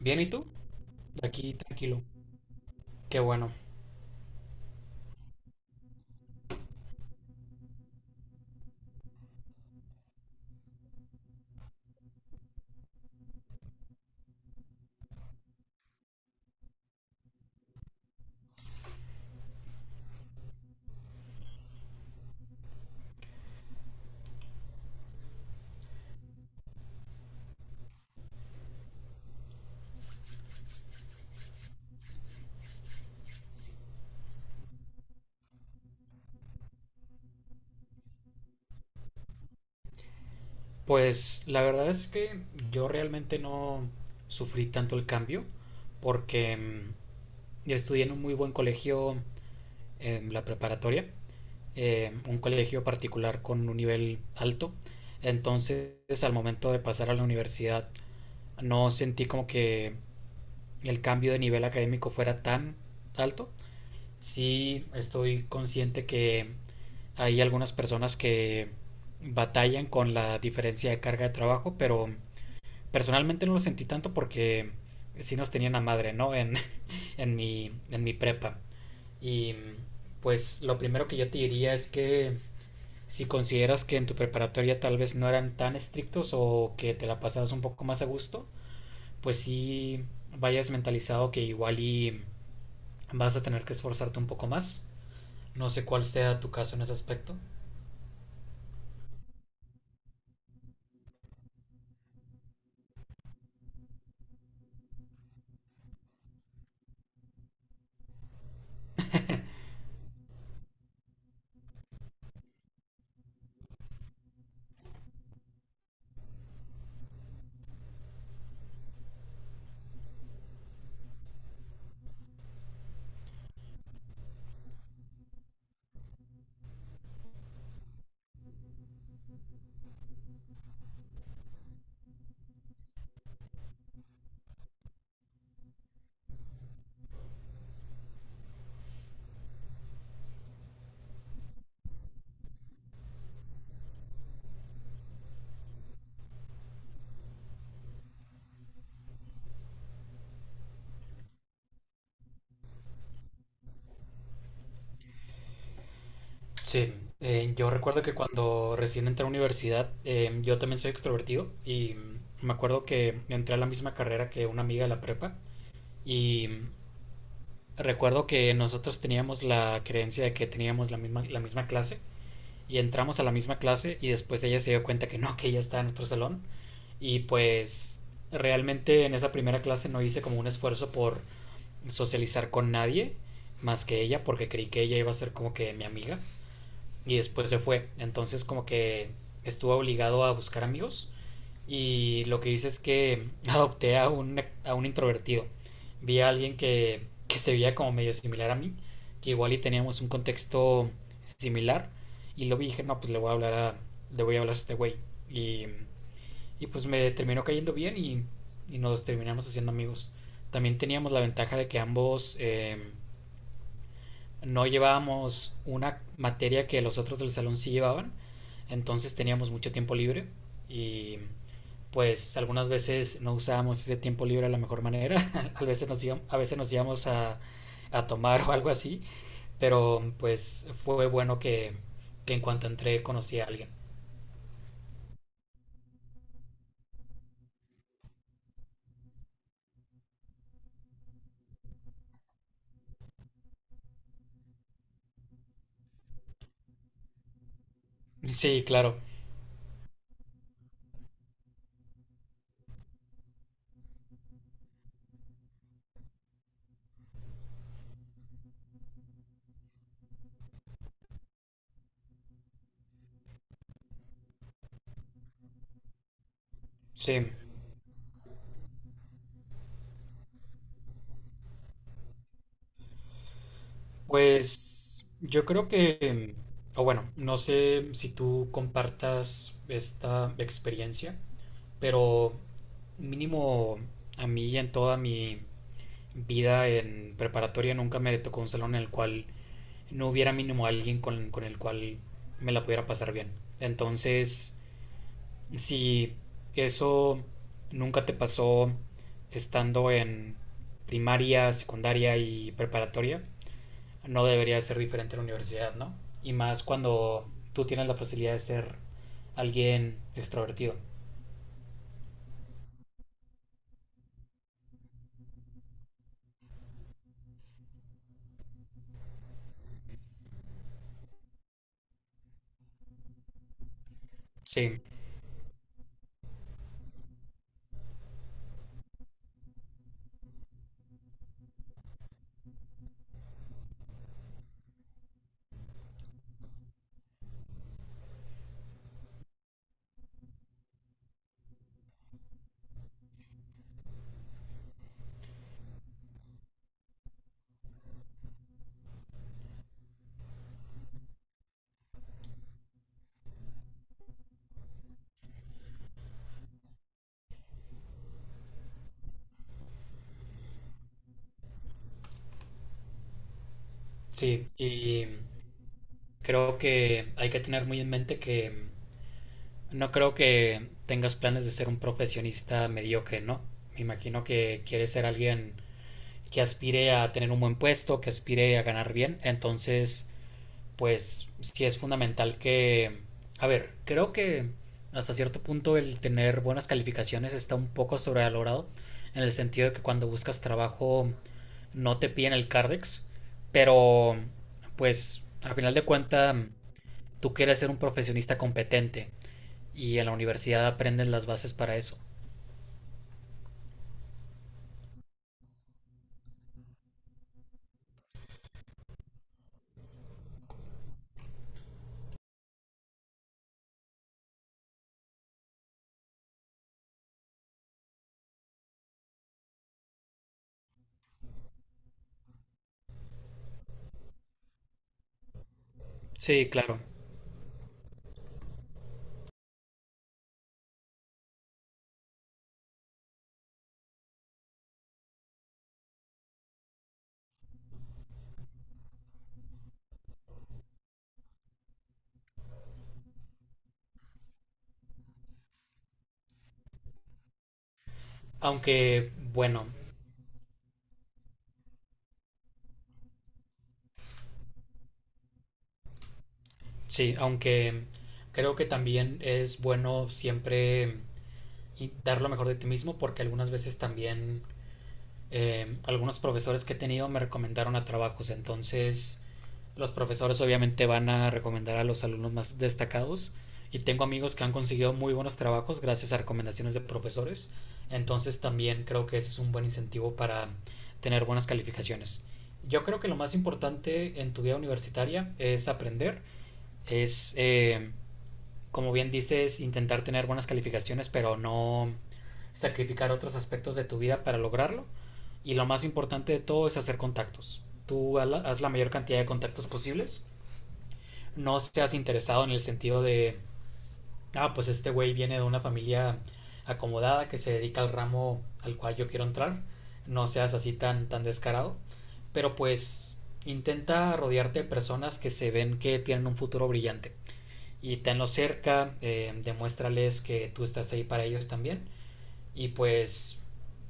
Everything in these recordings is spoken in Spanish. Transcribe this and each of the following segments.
Bien, ¿y tú? Aquí tranquilo. Qué bueno. Pues la verdad es que yo realmente no sufrí tanto el cambio porque yo estudié en un muy buen colegio en la preparatoria, un colegio particular con un nivel alto. Entonces, al momento de pasar a la universidad, no sentí como que el cambio de nivel académico fuera tan alto. Sí, estoy consciente que hay algunas personas que batallan con la diferencia de carga de trabajo, pero personalmente no lo sentí tanto porque sí nos tenían a madre, ¿no? En mi prepa. Y pues lo primero que yo te diría es que si consideras que en tu preparatoria tal vez no eran tan estrictos o que te la pasabas un poco más a gusto, pues sí vayas mentalizado que igual y vas a tener que esforzarte un poco más. No sé cuál sea tu caso en ese aspecto. Sí, yo recuerdo que cuando recién entré a la universidad, yo también soy extrovertido y me acuerdo que entré a la misma carrera que una amiga de la prepa y recuerdo que nosotros teníamos la creencia de que teníamos la misma clase y entramos a la misma clase, y después ella se dio cuenta que no, que ella estaba en otro salón. Y pues realmente en esa primera clase no hice como un esfuerzo por socializar con nadie más que ella, porque creí que ella iba a ser como que mi amiga y después se fue. Entonces, como que estuvo obligado a buscar amigos, y lo que hice es que adopté a un, a un introvertido. Vi a alguien que se veía como medio similar a mí, que igual y teníamos un contexto similar, y lo vi y dije, no, pues le voy a hablar a este güey. Y, y pues me terminó cayendo bien, y nos terminamos haciendo amigos. También teníamos la ventaja de que ambos... no llevábamos una materia que los otros del salón sí llevaban, entonces teníamos mucho tiempo libre y pues algunas veces no usábamos ese tiempo libre de la mejor manera. A veces nos íbamos, a tomar o algo así, pero pues fue bueno que en cuanto entré conocí a alguien. Sí, claro, sí. Pues yo creo que, o bueno, no sé si tú compartas esta experiencia, pero mínimo a mí en toda mi vida en preparatoria nunca me tocó un salón en el cual no hubiera mínimo alguien con el cual me la pudiera pasar bien. Entonces, si eso nunca te pasó estando en primaria, secundaria y preparatoria, no debería ser diferente en la universidad, ¿no? Y más cuando tú tienes la facilidad de ser alguien extrovertido. Sí, sí. Y creo que hay que tener muy en mente que no creo que tengas planes de ser un profesionista mediocre, ¿no? Me imagino que quieres ser alguien que aspire a tener un buen puesto, que aspire a ganar bien. Entonces, pues sí es fundamental que... A ver, creo que hasta cierto punto el tener buenas calificaciones está un poco sobrevalorado, en el sentido de que cuando buscas trabajo no te piden el Cardex, pero pues a final de cuentas tú quieres ser un profesionista competente y en la universidad aprendes las bases para eso. Sí, claro. Aunque, bueno, sí, aunque creo que también es bueno siempre y dar lo mejor de ti mismo, porque algunas veces también algunos profesores que he tenido me recomendaron a trabajos. Entonces, los profesores obviamente van a recomendar a los alumnos más destacados, y tengo amigos que han conseguido muy buenos trabajos gracias a recomendaciones de profesores. Entonces también creo que ese es un buen incentivo para tener buenas calificaciones. Yo creo que lo más importante en tu vida universitaria es aprender, es, eh, como bien dices, intentar tener buenas calificaciones, pero no sacrificar otros aspectos de tu vida para lograrlo. Y lo más importante de todo es hacer contactos. Haz la mayor cantidad de contactos posibles, no seas interesado en el sentido de, ah, pues este güey viene de una familia acomodada que se dedica al ramo al cual yo quiero entrar, no seas así tan, tan descarado, pero pues intenta rodearte de personas que se ven que tienen un futuro brillante, y tenlos cerca, demuéstrales que tú estás ahí para ellos también. Y pues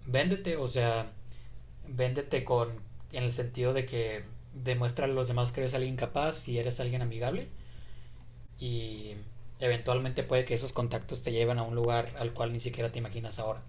véndete, o sea, véndete, con en el sentido de que demuestra a los demás que eres alguien capaz y eres alguien amigable, y eventualmente puede que esos contactos te lleven a un lugar al cual ni siquiera te imaginas ahora.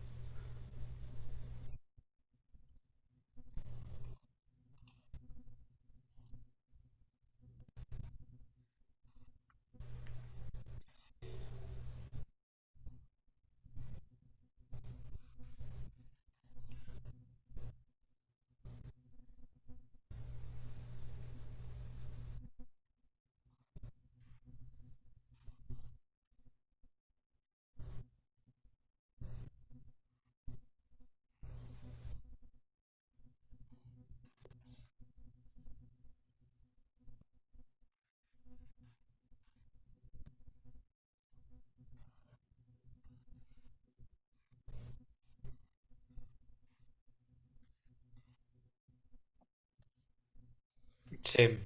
Sí,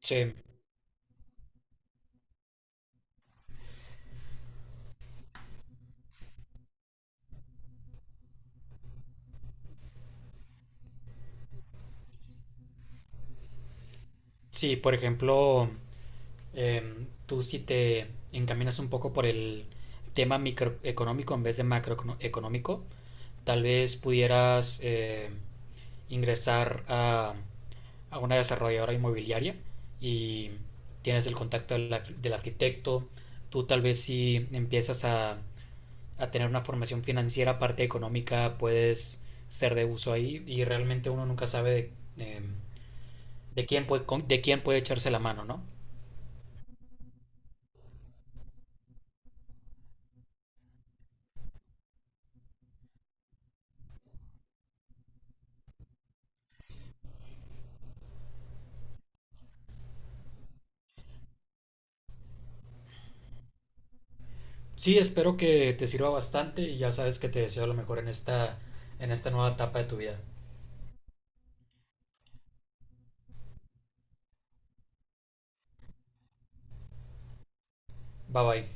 sí, sí, por ejemplo, tú si te encaminas un poco por el tema microeconómico en vez de macroeconómico, tal vez pudieras ingresar a, una desarrolladora inmobiliaria, y tienes el contacto del arquitecto. Tú tal vez si empiezas a tener una formación financiera, parte económica, puedes ser de uso ahí. Y realmente uno nunca sabe de, eh, de quién puede echarse la mano, ¿no? Sí, espero que te sirva bastante y ya sabes que te deseo lo mejor en esta nueva etapa de tu vida. Bye bye.